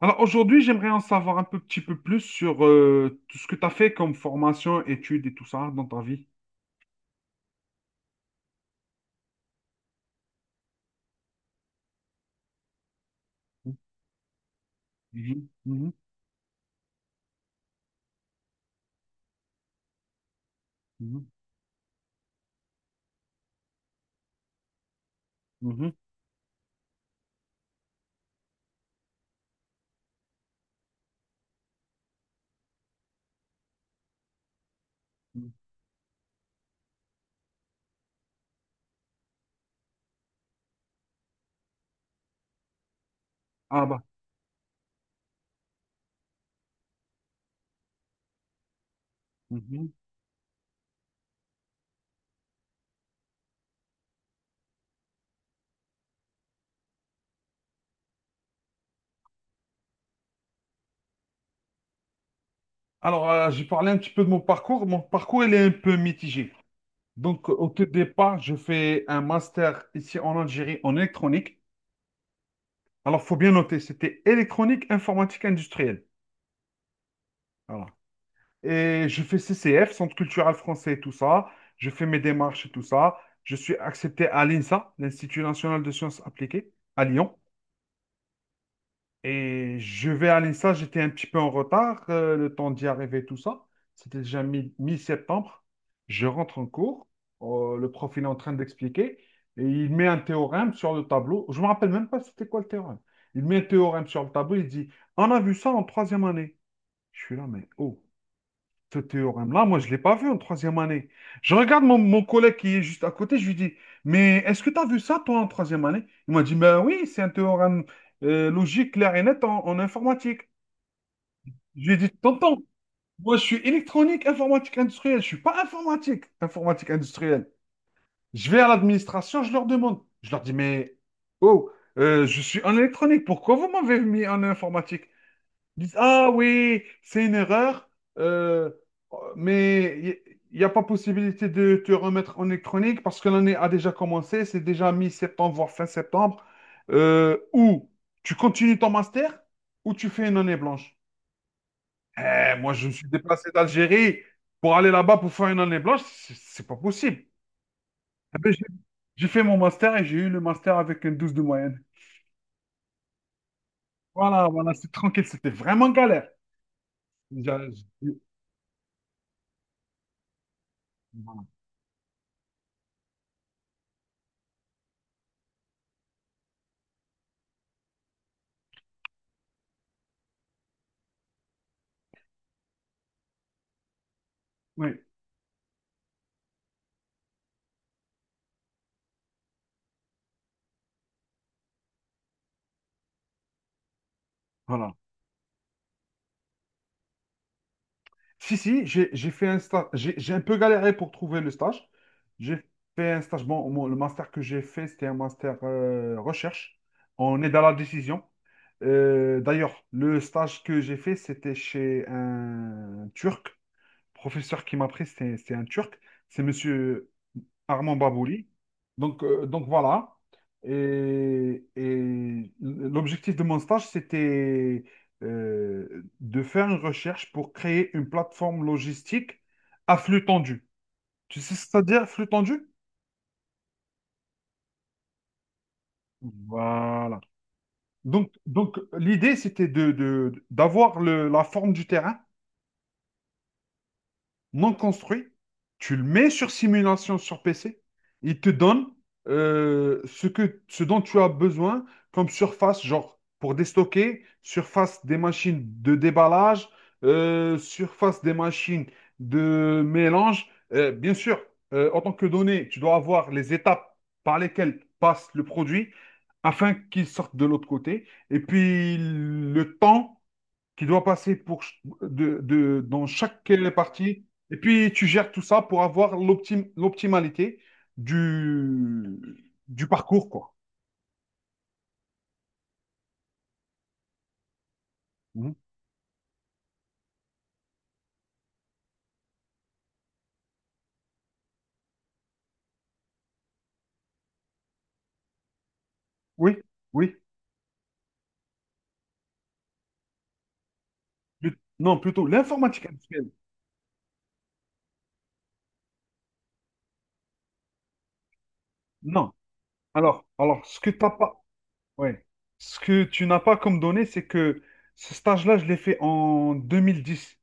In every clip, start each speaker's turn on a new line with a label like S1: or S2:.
S1: Alors aujourd'hui, j'aimerais en savoir petit peu plus sur tout ce que tu as fait comme formation, études et tout ça dans ta vie. Mhm, mhm, mhm, mhm, mhm. Ah bah. Mhm. Alors, j'ai parlé un petit peu de mon parcours. Mon parcours, il est un peu mitigé. Donc, au tout départ, je fais un master ici en Algérie en électronique. Alors, faut bien noter, c'était électronique, informatique industrielle. Voilà. Et je fais CCF, Centre culturel français et tout ça. Je fais mes démarches et tout ça. Je suis accepté à l'INSA, l'Institut national de sciences appliquées, à Lyon. Et je vais à l'INSA, j'étais un petit peu en retard, le temps d'y arriver, tout ça. C'était déjà mi-septembre. Je rentre en cours, le prof il est en train d'expliquer, et il met un théorème sur le tableau. Je ne me rappelle même pas c'était quoi le théorème. Il met un théorème sur le tableau, il dit, on a vu ça en troisième année. Je suis là, mais oh, ce théorème-là, moi, je ne l'ai pas vu en troisième année. Je regarde mon collègue qui est juste à côté, je lui dis, mais est-ce que tu as vu ça, toi, en troisième année? Il m'a dit, ben oui, c'est un théorème logique, clair et net en informatique. Je lui ai dit, tonton, moi, je suis électronique, informatique industrielle, je ne suis pas informatique, informatique industrielle. Je vais à l'administration, je leur demande. Je leur dis, mais oh, je suis en électronique, pourquoi vous m'avez mis en informatique? Ils disent, ah oui, c'est une erreur, euh, mais il n'y a pas possibilité de te remettre en électronique parce que l'année a déjà commencé, c'est déjà mi-septembre, voire fin septembre. Ou tu continues ton master ou tu fais une année blanche. Eh, moi, je me suis déplacé d'Algérie pour aller là-bas pour faire une année blanche, c'est pas possible. Eh ben, j'ai fait mon master et j'ai eu le master avec un 12 de moyenne. Voilà, voilà, c'est tranquille, c'était vraiment galère. J'a- j'- voilà. Oui, voilà. Si, si, j'ai fait un stage. J'ai un peu galéré pour trouver le stage. J'ai fait un stage. Bon, le master que j'ai fait, c'était un master recherche. On est dans la décision. D'ailleurs, le stage que j'ai fait, c'était chez un Turc. Le professeur qui m'a pris, c'était un Turc. C'est monsieur Armand Babouli. Donc voilà. Et l'objectif de mon stage, c'était de faire une recherche pour créer une plateforme logistique à flux tendu. Tu sais ce que ça veut dire, flux tendu? Voilà. Donc l'idée, c'était d'avoir la forme du terrain non construit, tu le mets sur simulation sur PC, il te donne ce dont tu as besoin comme surface, genre pour déstocker, surface des machines de déballage, surface des machines de mélange. Bien sûr, en tant que données, tu dois avoir les étapes par lesquelles passe le produit afin qu'il sorte de l'autre côté. Et puis le temps qui doit passer pour, ch- de- dans chaque partie. Et puis, tu gères tout ça pour avoir l'optimalité du, du parcours, quoi. Mhm. Oui, oui. Non, plutôt l'informatique industrielle. Non. Alors, ce que t'as pas, ouais. Ce que tu n'as pas comme données, c'est que ce stage-là, je l'ai fait en 2010.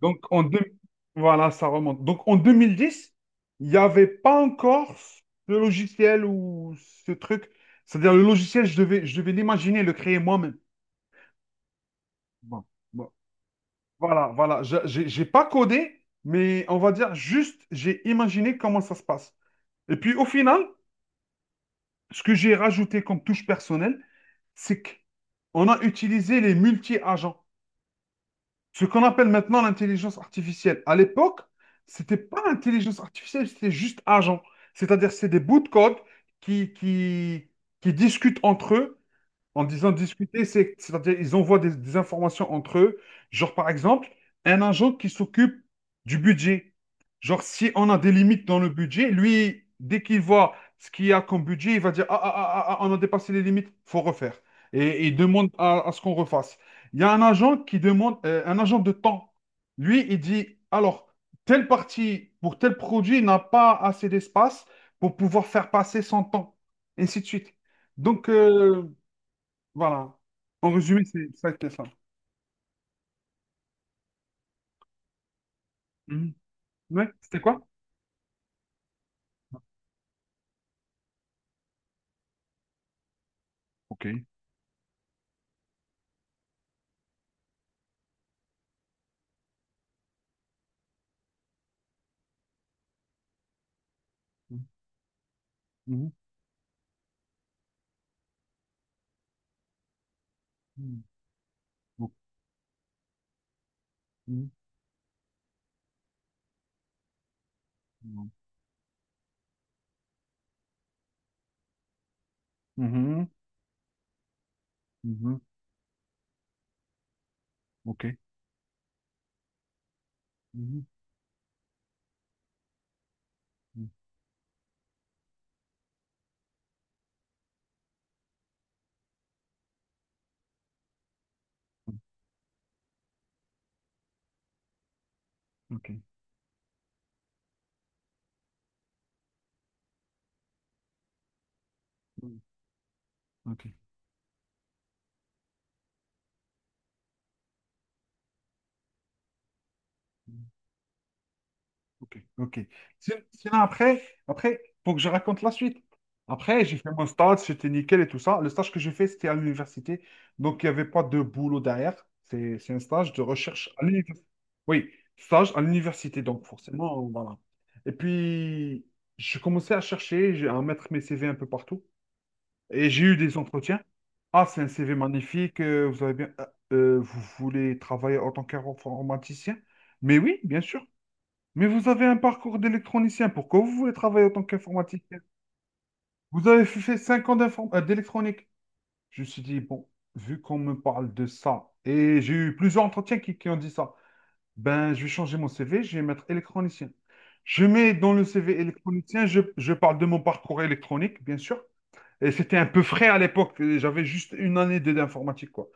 S1: Donc, voilà, ça remonte. Donc, en 2010, il n'y avait pas encore le logiciel ou ce truc. C'est-à-dire, le logiciel, je devais l'imaginer, le créer moi-même. Bon, bon. Voilà, voilà. J'ai pas codé, mais on va dire juste, j'ai imaginé comment ça se passe. Et puis, au final, ce que j'ai rajouté comme touche personnelle, c'est qu'on a utilisé les multi-agents. Ce qu'on appelle maintenant l'intelligence artificielle. À l'époque, c'était pas intelligence artificielle, c'était juste agent. C'est-à-dire, c'est des bouts de code qui, qui, qui discutent entre eux en disant discuter, c'est-à-dire ils envoient des informations entre eux. Genre, par exemple, un agent qui s'occupe du budget. Genre, si on a des limites dans le budget, lui, dès qu'il voit ce qu'il y a comme budget, il va dire, ah, ah, ah, ah, ah, on a dépassé les limites, faut refaire. Et il demande à ce qu'on refasse. Il y a un agent qui demande, un agent de temps. Lui, il dit, alors, telle partie pour tel produit n'a pas assez d'espace pour pouvoir faire passer son temps, et ainsi de suite. Donc, voilà. En résumé, c'est ça qui est ça. Mhm. Ouais, c'était quoi? Ok. Mhm. Mhm. Mhm. Ok. Mhm. Mhm. Mhm. Ok. Mhm. Mhm. Ok. Mhm. Ok. Ok, ok. Sinon, après, faut que je raconte la suite. Après, j'ai fait mon stage, c'était nickel et tout ça. Le stage que j'ai fait, c'était à l'université. Donc, il n'y avait pas de boulot derrière. C'est un stage de recherche à l'université. Oui, stage à l'université. Donc, forcément, voilà. Et puis, je commençais à chercher, à mettre mes CV un peu partout. Et j'ai eu des entretiens. Ah, c'est un CV magnifique. Vous avez bien, vous voulez travailler en tant qu'informaticien? Mais oui, bien sûr. Mais vous avez un parcours d'électronicien. Pourquoi vous voulez travailler en tant qu'informaticien? Vous avez fait 5 ans d'électronique. Je me suis dit, bon, vu qu'on me parle de ça, et j'ai eu plusieurs entretiens qui ont dit ça, ben, je vais changer mon CV, je vais mettre électronicien. Je mets dans le CV électronicien, je parle de mon parcours électronique, bien sûr. Et c'était un peu frais à l'époque. J'avais juste une année d'informatique, quoi.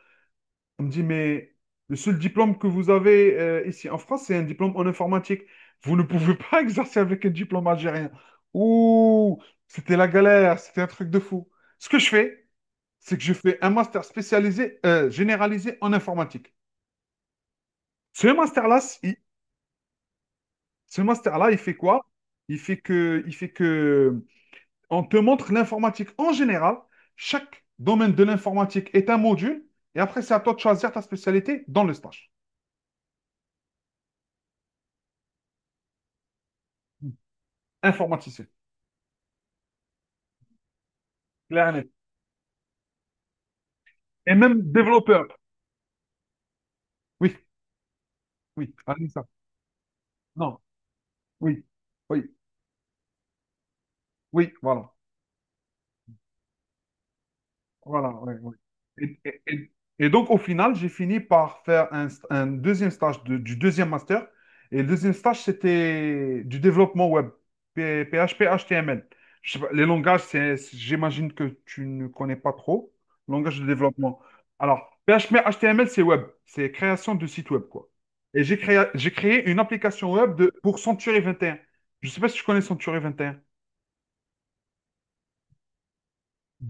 S1: On me dit, mais le seul diplôme que vous avez ici en France, c'est un diplôme en informatique. Vous ne pouvez pas exercer avec un diplôme algérien. Ouh, c'était la galère, c'était un truc de fou. Ce que je fais, c'est que je fais un master généralisé en informatique. Ce master-là, il, ce master-là, il fait quoi? Il fait que on te montre l'informatique en général. Chaque domaine de l'informatique est un module. Et après, c'est à toi de choisir ta spécialité dans le stage. Informaticien. Clair et net. Et même développeur. Oui, oui, allez, ça. Non, oui, oui, oui, voilà. Voilà, ouais, ouais. Et, et- et- donc, au final, j'ai fini par faire un deuxième stage du deuxième master. Et le deuxième stage, c'était du développement web, PHP, HTML. Je sais pas, les langages, j'imagine que tu ne connais pas trop. Langage de développement. Alors, PHP, HTML, c'est web. C'est création de site web, quoi. Et j'ai créé une application web pour Century 21. Je ne sais pas si tu connais Century 21.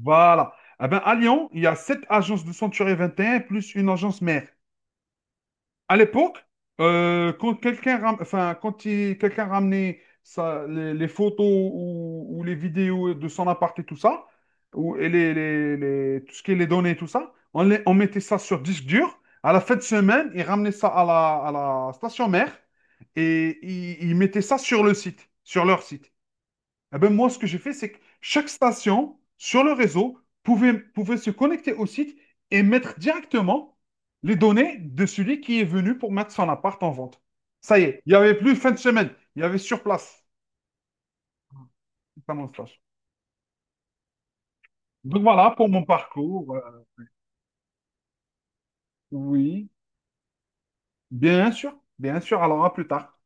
S1: Voilà. Eh ben, à Lyon, il y a sept agences de Century 21 plus une agence mère. À l'époque, enfin, quelqu'un ramenait les photos ou les vidéos de son appart et tout ça, ou, et les- tout ce qui est les données et tout ça, on mettait ça sur disque dur. À la fin de semaine, il ramenait ça à la station mère et il mettait ça sur le site, sur leur site. Eh ben, moi, ce que j'ai fait, c'est que chaque station sur le réseau pouvait se connecter au site et mettre directement les données de celui qui est venu pour mettre son appart en vente. Ça y est, il n'y avait plus fin de semaine, il y avait sur place. C'est pas mon stage. Donc voilà pour mon parcours. Oui, bien sûr, bien sûr. Alors à plus tard.